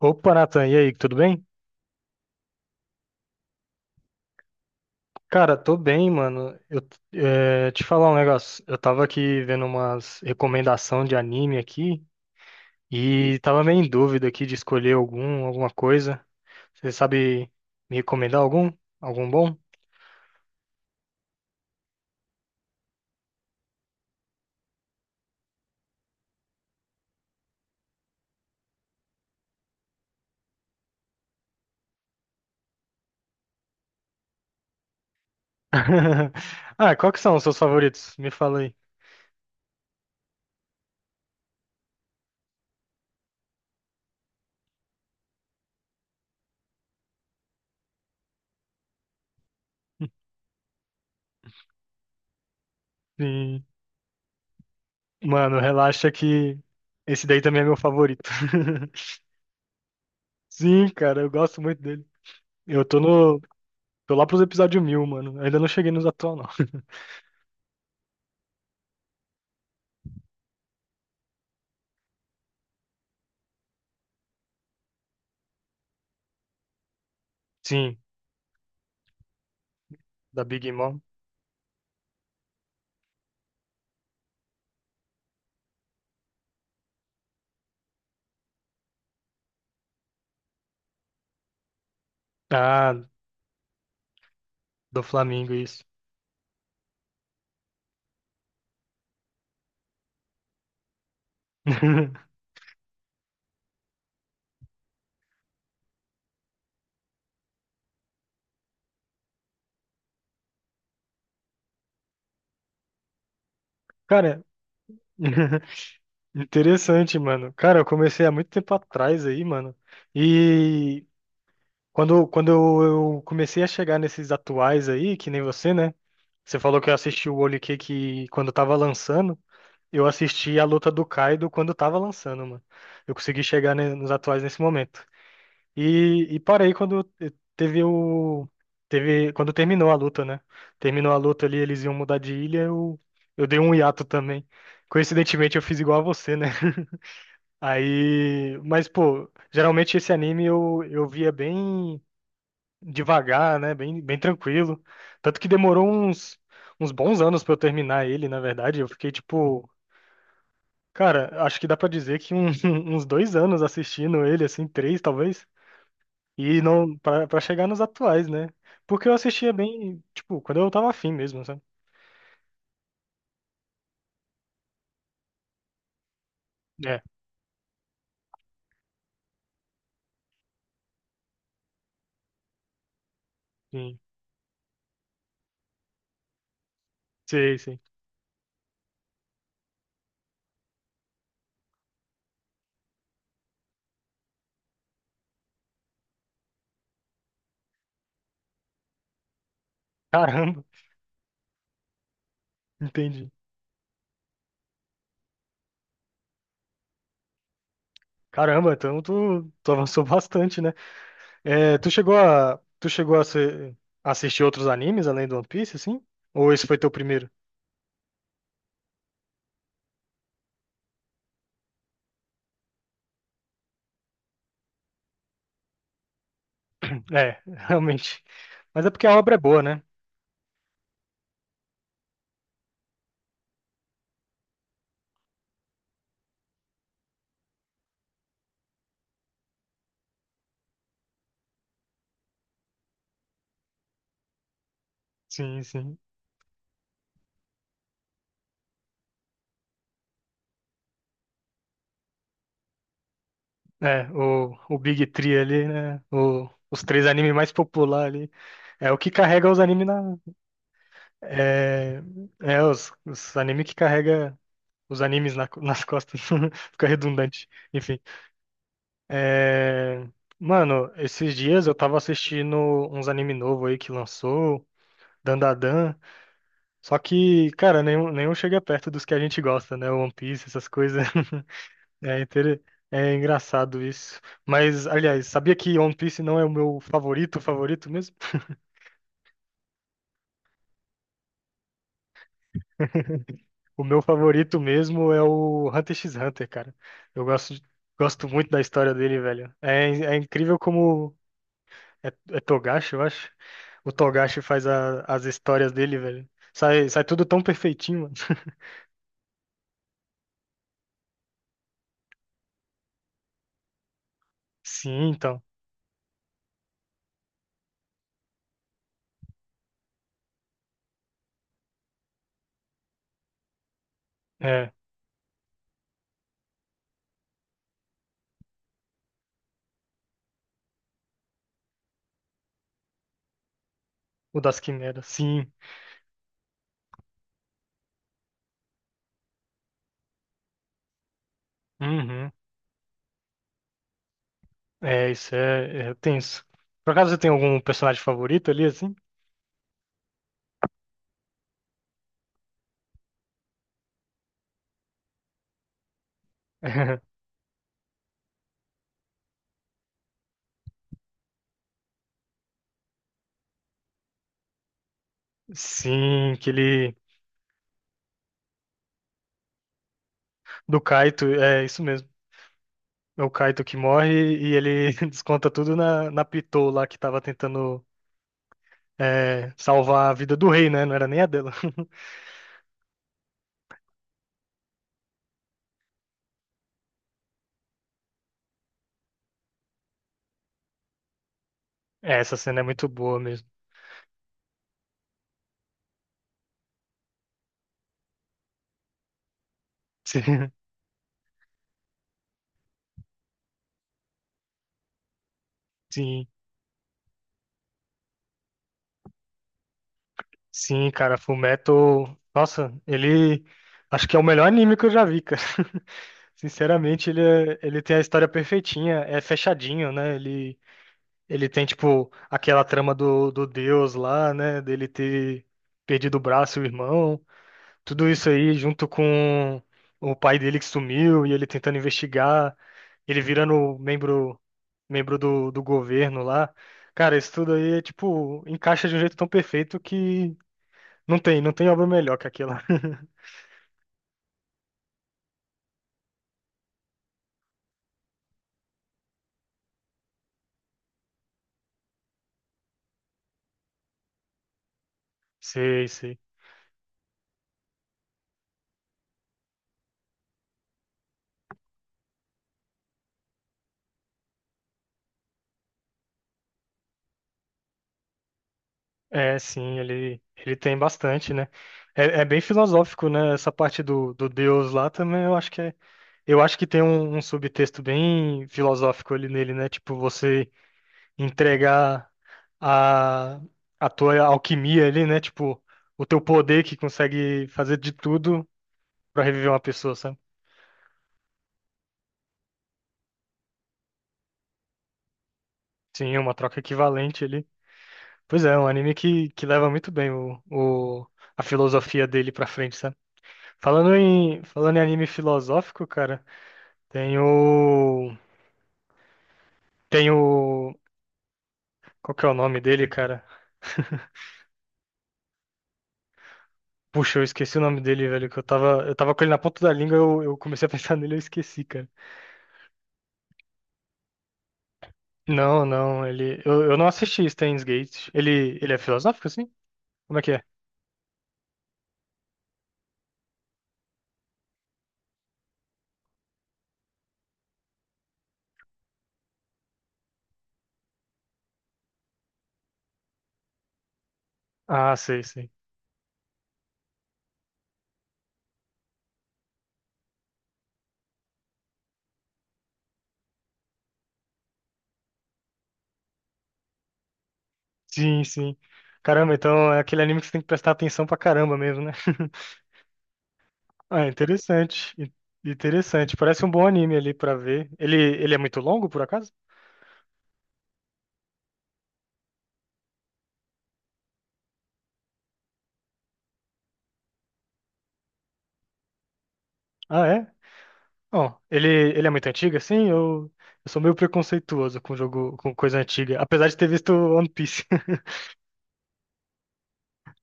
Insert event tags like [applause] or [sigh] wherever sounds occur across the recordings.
Opa, Nathan, e aí, tudo bem? Cara, tô bem, mano. Te falar um negócio. Eu tava aqui vendo umas recomendação de anime aqui e tava meio em dúvida aqui de escolher alguma coisa. Você sabe me recomendar algum? Algum bom? [laughs] Ah, qual que são os seus favoritos? Me fala aí. [laughs] Sim. Mano, relaxa que esse daí também é meu favorito. [laughs] Sim, cara, eu gosto muito dele. Eu tô no, Tô lá pros episódios 1000, mano. Ainda não cheguei nos atual, não. Sim. Da Big Mom? Ah, do Flamengo, isso. [laughs] Cara, [laughs] interessante, mano. Cara, eu comecei há muito tempo atrás aí, mano. E quando eu comecei a chegar nesses atuais aí, que nem você, né? Você falou que eu assisti o Olho que quando tava lançando. Eu assisti a luta do Kaido quando tava lançando, mano. Eu consegui chegar nos atuais nesse momento. E, parei quando teve o. Teve, quando terminou a luta, né? Terminou a luta ali, eles iam mudar de ilha, eu dei um hiato também. Coincidentemente, eu fiz igual a você, né? [laughs] Aí. Mas, pô, geralmente esse anime eu via bem devagar, né? Bem, bem tranquilo. Tanto que demorou uns bons anos pra eu terminar ele, na verdade. Eu fiquei tipo. Cara, acho que dá pra dizer que [laughs] uns 2 anos assistindo ele, assim, três talvez. E não pra chegar nos atuais, né? Porque eu assistia bem, tipo, quando eu tava afim mesmo, sabe? É, sim. Sei, sei. Caramba, [laughs] entendi. Caramba, então tu avançou bastante, né? É, tu chegou a assistir outros animes além do One Piece, assim? Ou esse foi teu primeiro? É, [laughs] realmente. Mas é porque a obra é boa, né? Sim, sim. É, o Big Three ali, né? Os três animes mais populares ali. É o que carrega os animes. É, é os anime que carrega os animes nas costas. [laughs] Fica redundante. Enfim. É, mano, esses dias eu tava assistindo uns anime novo aí que lançou, Dandadan. Só que, cara, nenhum chega perto dos que a gente gosta, né? One Piece, essas coisas. [laughs] É, é engraçado isso. Mas, aliás, sabia que One Piece não é o meu favorito, favorito mesmo? O meu favorito mesmo é o Hunter x Hunter, cara. Eu gosto, de- Gosto muito da história dele, velho. É, é incrível como. É, é Togashi, eu acho. O Togashi faz as histórias dele, velho. Sai tudo tão perfeitinho, mano. [laughs] Sim, então. É. O das Quimeras. Sim. Uhum. É, é tenso. Por acaso você tem algum personagem favorito ali, assim? [laughs] Sim, aquele. Do Kaito, é isso mesmo. É o Kaito que morre e ele [laughs] desconta tudo na Pitou lá que tava tentando salvar a vida do rei, né? Não era nem a dela. [laughs] É, essa cena é muito boa mesmo. [laughs] Sim, sim, sim, cara, Fullmetal, nossa, ele acho que é o melhor anime que eu já vi, cara. [laughs] Sinceramente, ele tem a história perfeitinha, é fechadinho, né? Ele tem, tipo, aquela trama do Deus lá, né? Dele ter perdido o braço e o irmão. Tudo isso aí junto com o pai dele que sumiu e ele tentando investigar, ele virando membro do governo lá. Cara, isso tudo aí é tipo, encaixa de um jeito tão perfeito que não tem obra melhor que aquela. [laughs] Sei, sei. É, sim, ele tem bastante, né? É, é bem filosófico, né? Essa parte do Deus lá também, eu acho que tem um subtexto bem filosófico ali nele, né? Tipo, você entregar a, a tua alquimia ali, né? Tipo, o teu poder que consegue fazer de tudo pra reviver uma pessoa, sabe? Sim, uma troca equivalente ali. Pois é, é um anime que leva muito bem a filosofia dele pra frente, sabe? Falando em anime filosófico, cara, tem o. Tem o. Qual que é o nome dele, cara? [laughs] Puxa, eu esqueci o nome dele, velho, que eu tava com ele na ponta da língua, eu comecei a [laughs] pensar nele e eu esqueci, cara. Não, não, ele. Eu não assisti Steins Gate. Ele é filosófico, assim? Como é que é? Ah, sei, sei. Sim, sim. Caramba, então é aquele anime que você tem que prestar atenção pra caramba mesmo, né? [laughs] Ah, interessante. Interessante. Parece um bom anime ali pra ver. Ele é muito longo, por acaso? Ah, é? Ó, ele é muito antigo, assim? Eu sou meio preconceituoso com jogo, com coisa antiga. Apesar de ter visto One Piece. [laughs]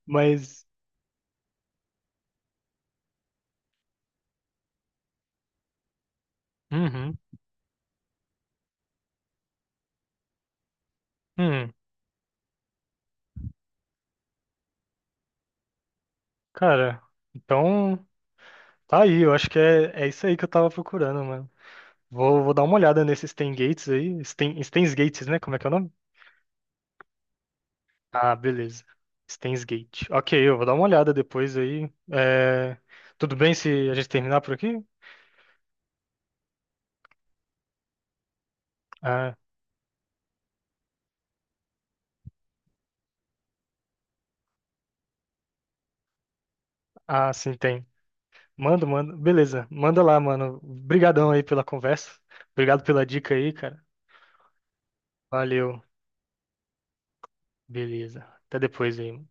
Mas. Uhum. Hum, cara, então. Tá aí, eu acho que é isso aí que eu tava procurando, mano. Vou dar uma olhada nesses Stan Gates aí. Stan's Gates, né? Como é que é o nome? Ah, beleza. Stan's Gate. Ok, eu vou dar uma olhada depois aí. É, tudo bem se a gente terminar por aqui? Ah, ah, sim, tem. Manda, manda. Beleza, manda lá, mano. Obrigadão aí pela conversa. Obrigado pela dica aí, cara. Valeu. Beleza. Até depois aí. Mano.